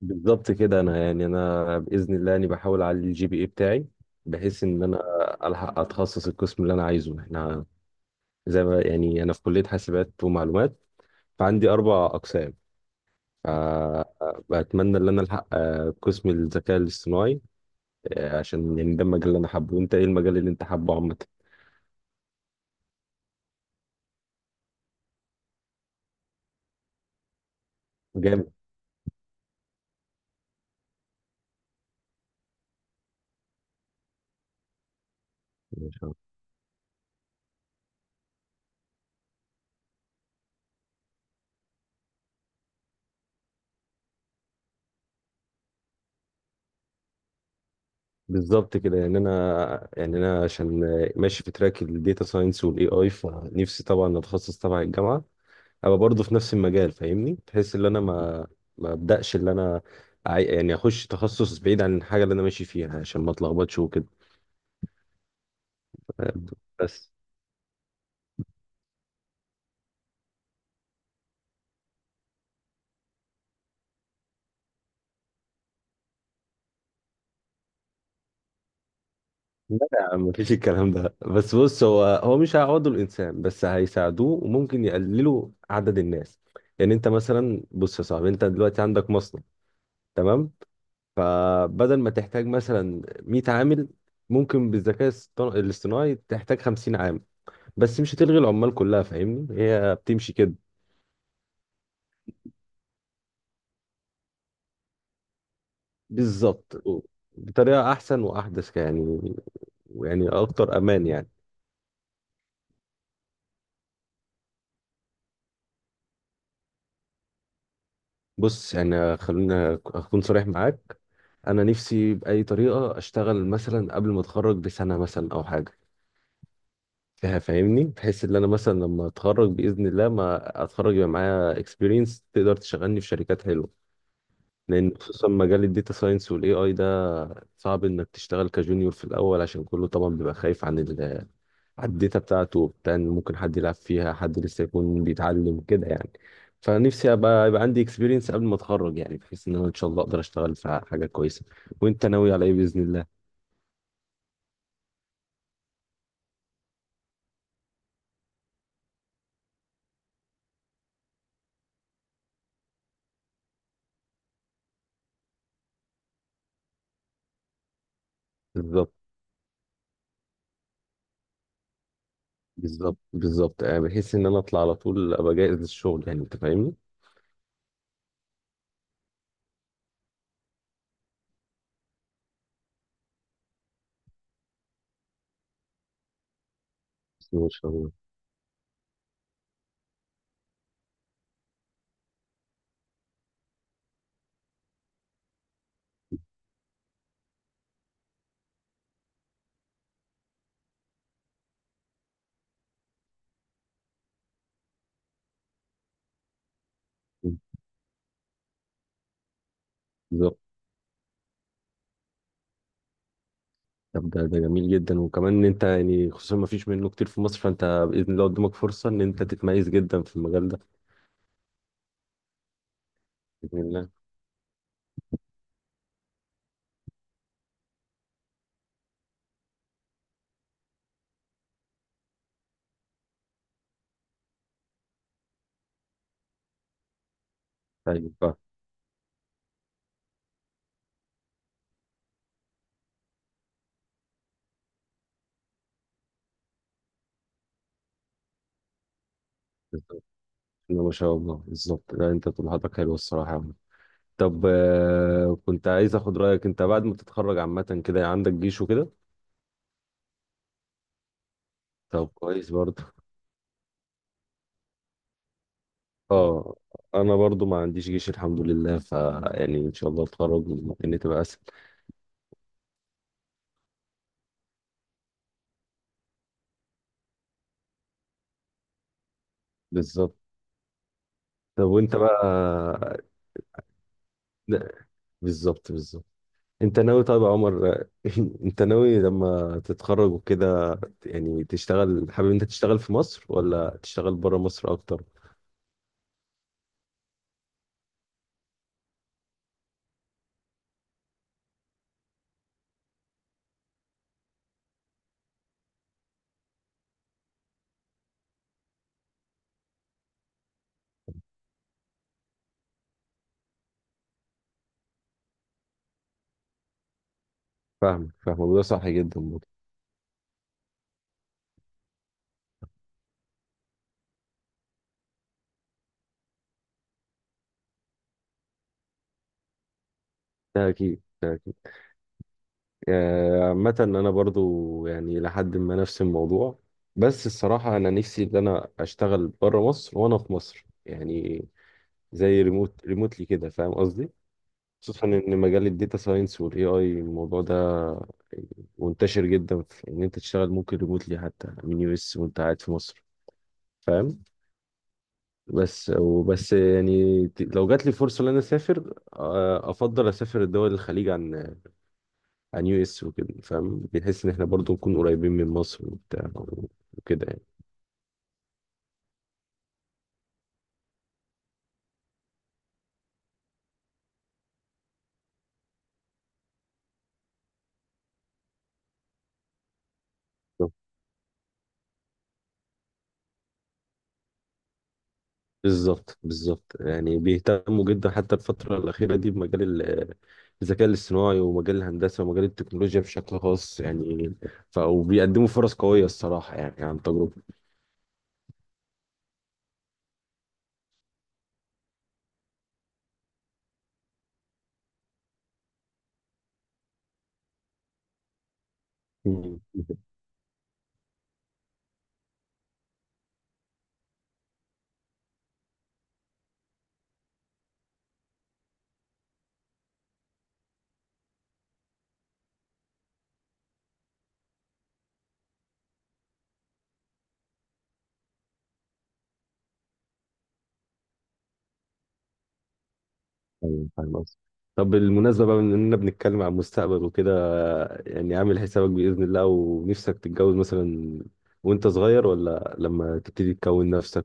بالظبط كده. انا باذن الله اني بحاول اعلي الجي بي اي بتاعي، بحيث ان انا الحق اتخصص القسم اللي انا عايزه. احنا زي ما يعني انا في كليه حاسبات ومعلومات، فعندي اربع اقسام. فبتمنى ان انا الحق قسم الذكاء الاصطناعي، عشان يعني ده المجال اللي انا حابه. وانت ايه المجال اللي انت حابه عامه؟ جامد، ما شاء الله. بالظبط كده. يعني انا عشان ماشي في تراك الداتا ساينس والاي اي، فنفسي طبعا اتخصص تبع الجامعه، ابقى برضه في نفس المجال، فاهمني؟ بحيث ان انا ما ابداش ان انا يعني اخش تخصص بعيد عن الحاجه اللي انا ماشي فيها عشان ما اتلخبطش وكده. بس لا يا عم، مفيش الكلام ده. بس بص، هو مش هيعوضوا الانسان، بس هيساعدوه وممكن يقللوا عدد الناس. يعني انت مثلا، بص يا صاحبي، انت دلوقتي عندك مصنع، تمام؟ فبدل ما تحتاج مثلا 100 عامل، ممكن بالذكاء الاصطناعي تحتاج 50 عامل، بس مش هتلغي العمال كلها. فاهمني؟ هي بتمشي كده. بالظبط، بطريقة أحسن وأحدث يعني، يعني أكتر أمان يعني. بص، يعني خلينا أكون صريح معاك. أنا نفسي بأي طريقة أشتغل مثلا قبل ما أتخرج بسنة مثلا، أو حاجة فيها، فاهمني؟ بحيث إن أنا مثلا لما أتخرج بإذن الله، ما أتخرج يبقى معايا إكسبيرينس تقدر تشغلني في شركات حلوة. لأن خصوصا مجال الداتا ساينس والإي آي ده، صعب انك تشتغل كجونيور في الاول، عشان كله طبعا بيبقى خايف عن ال، على الداتا بتاعته، بتاع إن ممكن حد يلعب فيها، حد لسه يكون بيتعلم كده يعني. فنفسي ابقى، يبقى عندي اكسبيرينس قبل ما اتخرج، يعني بحيث ان انا ان شاء الله اقدر اشتغل في حاجه كويسه. وانت ناوي على ايه باذن الله؟ بالظبط بالظبط بحيث ان انا اطلع على طول ابقى جاهز للشغل. يعني انت فاهمني؟ بسم الله ما شاء الله. مم. بالظبط. طب ده جميل جدا، وكمان ان انت يعني خصوصا ما فيش منه كتير في مصر، فانت باذن الله قدامك فرصه ان انت تتميز جدا في المجال ده. بسم الله. طيب بقى. بالظبط. إنما ما شاء الله بالظبط. لا، انت طموحاتك حلوه الصراحه يا عم. طب كنت عايز اخد رايك. انت بعد ما تتخرج عامه كده، يعني عندك جيش وكده؟ طب كويس برضه. اه، انا برضه ما عنديش جيش الحمد لله، ف يعني ان شاء الله اتخرج ممكن تبقى اسهل. بالظبط. طب وانت بقى؟ لا، بالظبط. انت ناوي طيب يا عمر؟ انت ناوي لما تتخرج وكده، يعني تشتغل، حابب انت تشتغل في مصر، ولا تشتغل بره مصر اكتر؟ فاهمك وده صح جدا برضه. ده اكيد، ده اكيد. عامة انا برضو يعني لحد ما نفس الموضوع، بس الصراحة انا نفسي ان انا اشتغل بره مصر وانا في مصر، يعني زي ريموت، ريموتلي كده، فاهم قصدي؟ خصوصا ان مجال الداتا ساينس والاي اي، الموضوع ده منتشر جدا في ان انت تشتغل ممكن ريموتلي حتى من يو اس وانت قاعد في مصر، فاهم؟ وبس يعني، لو جات لي فرصة ان انا اسافر، افضل اسافر دول الخليج عن، عن يو اس وكده، فاهم؟ بنحس ان احنا برضو نكون قريبين من مصر وبتاع وكده يعني. بالظبط، يعني بيهتموا جدا حتى الفترة الأخيرة دي بمجال الذكاء الاصطناعي ومجال الهندسة ومجال التكنولوجيا بشكل خاص يعني. ف وبيقدموا فرص قوية الصراحة، يعني عن تجربة. مم. أيوة، فاهم قصدي. طب بالمناسبة بقى، من إننا بنتكلم عن المستقبل وكده، يعني عامل حسابك بإذن الله، ونفسك تتجوز مثلا وأنت صغير، ولا لما تبتدي تكون نفسك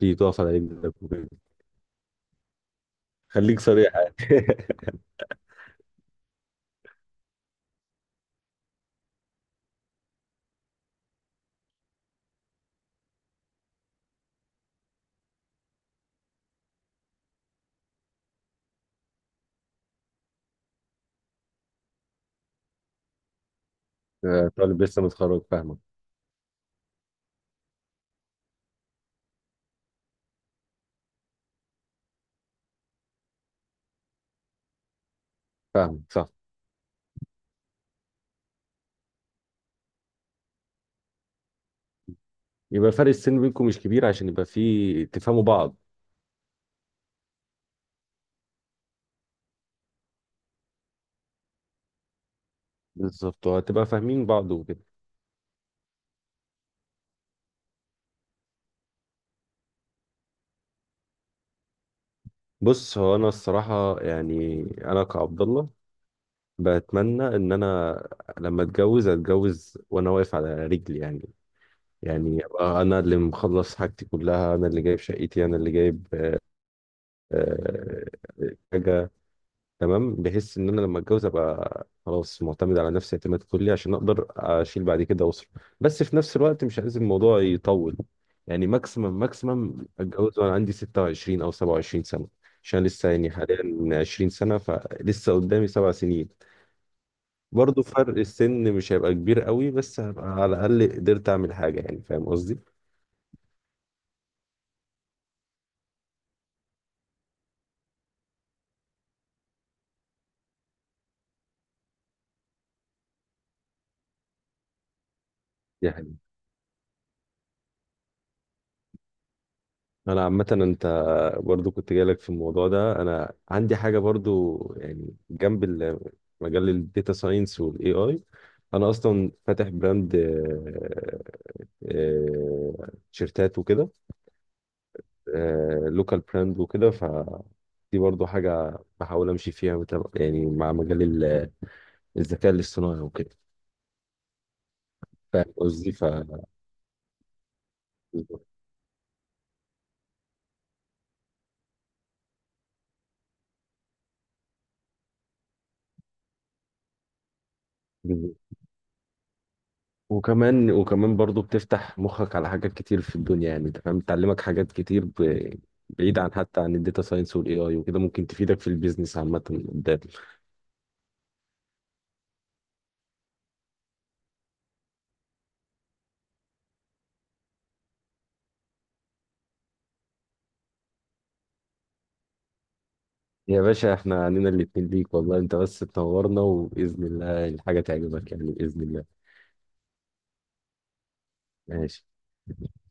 في، تقف على رجلك وكده؟ خليك صريح يعني. طالب لسه متخرج، فاهمك. فاهمك، صح. يبقى فرق السن بينكم مش كبير، عشان يبقى في تفهموا بعض. بالظبط، وهتبقى فاهمين بعض وكده. بص، هو انا الصراحه يعني انا كعبد الله بتمنى ان انا لما اتجوز، اتجوز وانا واقف على رجلي، يعني يعني ابقى انا اللي مخلص حاجتي كلها، انا اللي جايب شقتي، انا اللي جايب آه، حاجه، تمام؟ بحيث ان انا لما اتجوز ابقى خلاص معتمد على نفسي اعتماد كلي، عشان اقدر اشيل بعد كده اسره. بس في نفس الوقت مش عايز الموضوع يطول. يعني ماكسيمم اتجوز وانا عندي 26 او 27 سنه، عشان لسه يعني حاليا 20 سنه، فلسه قدامي 7 سنين. برضو فرق السن مش هيبقى كبير قوي، بس هبقى على الاقل قدرت اعمل حاجه، يعني فاهم قصدي؟ دي حقيقة. انا عامه انت، برضو كنت جايلك في الموضوع ده. انا عندي حاجه برضو يعني جنب مجال الداتا ساينس والاي اي، انا اصلا فاتح براند، تيشيرتات وكده، لوكال براند وكده، فدي برضو حاجة بحاول أمشي فيها. يعني مع مجال الذكاء الاصطناعي وكده، فاهم قصدي؟ ف بالظبط. وكمان برضو بتفتح مخك على حاجات كتير في الدنيا، يعني انت فاهم؟ بتعلمك حاجات كتير، بعيد عن حتى عن الداتا ساينس والاي اي وكده، ممكن تفيدك في البيزنس عامة قدام. يا باشا احنا عنينا الاتنين ليك والله، انت بس تنورنا، وبإذن الله الحاجة تعجبك يعني، بإذن الله. ماشي.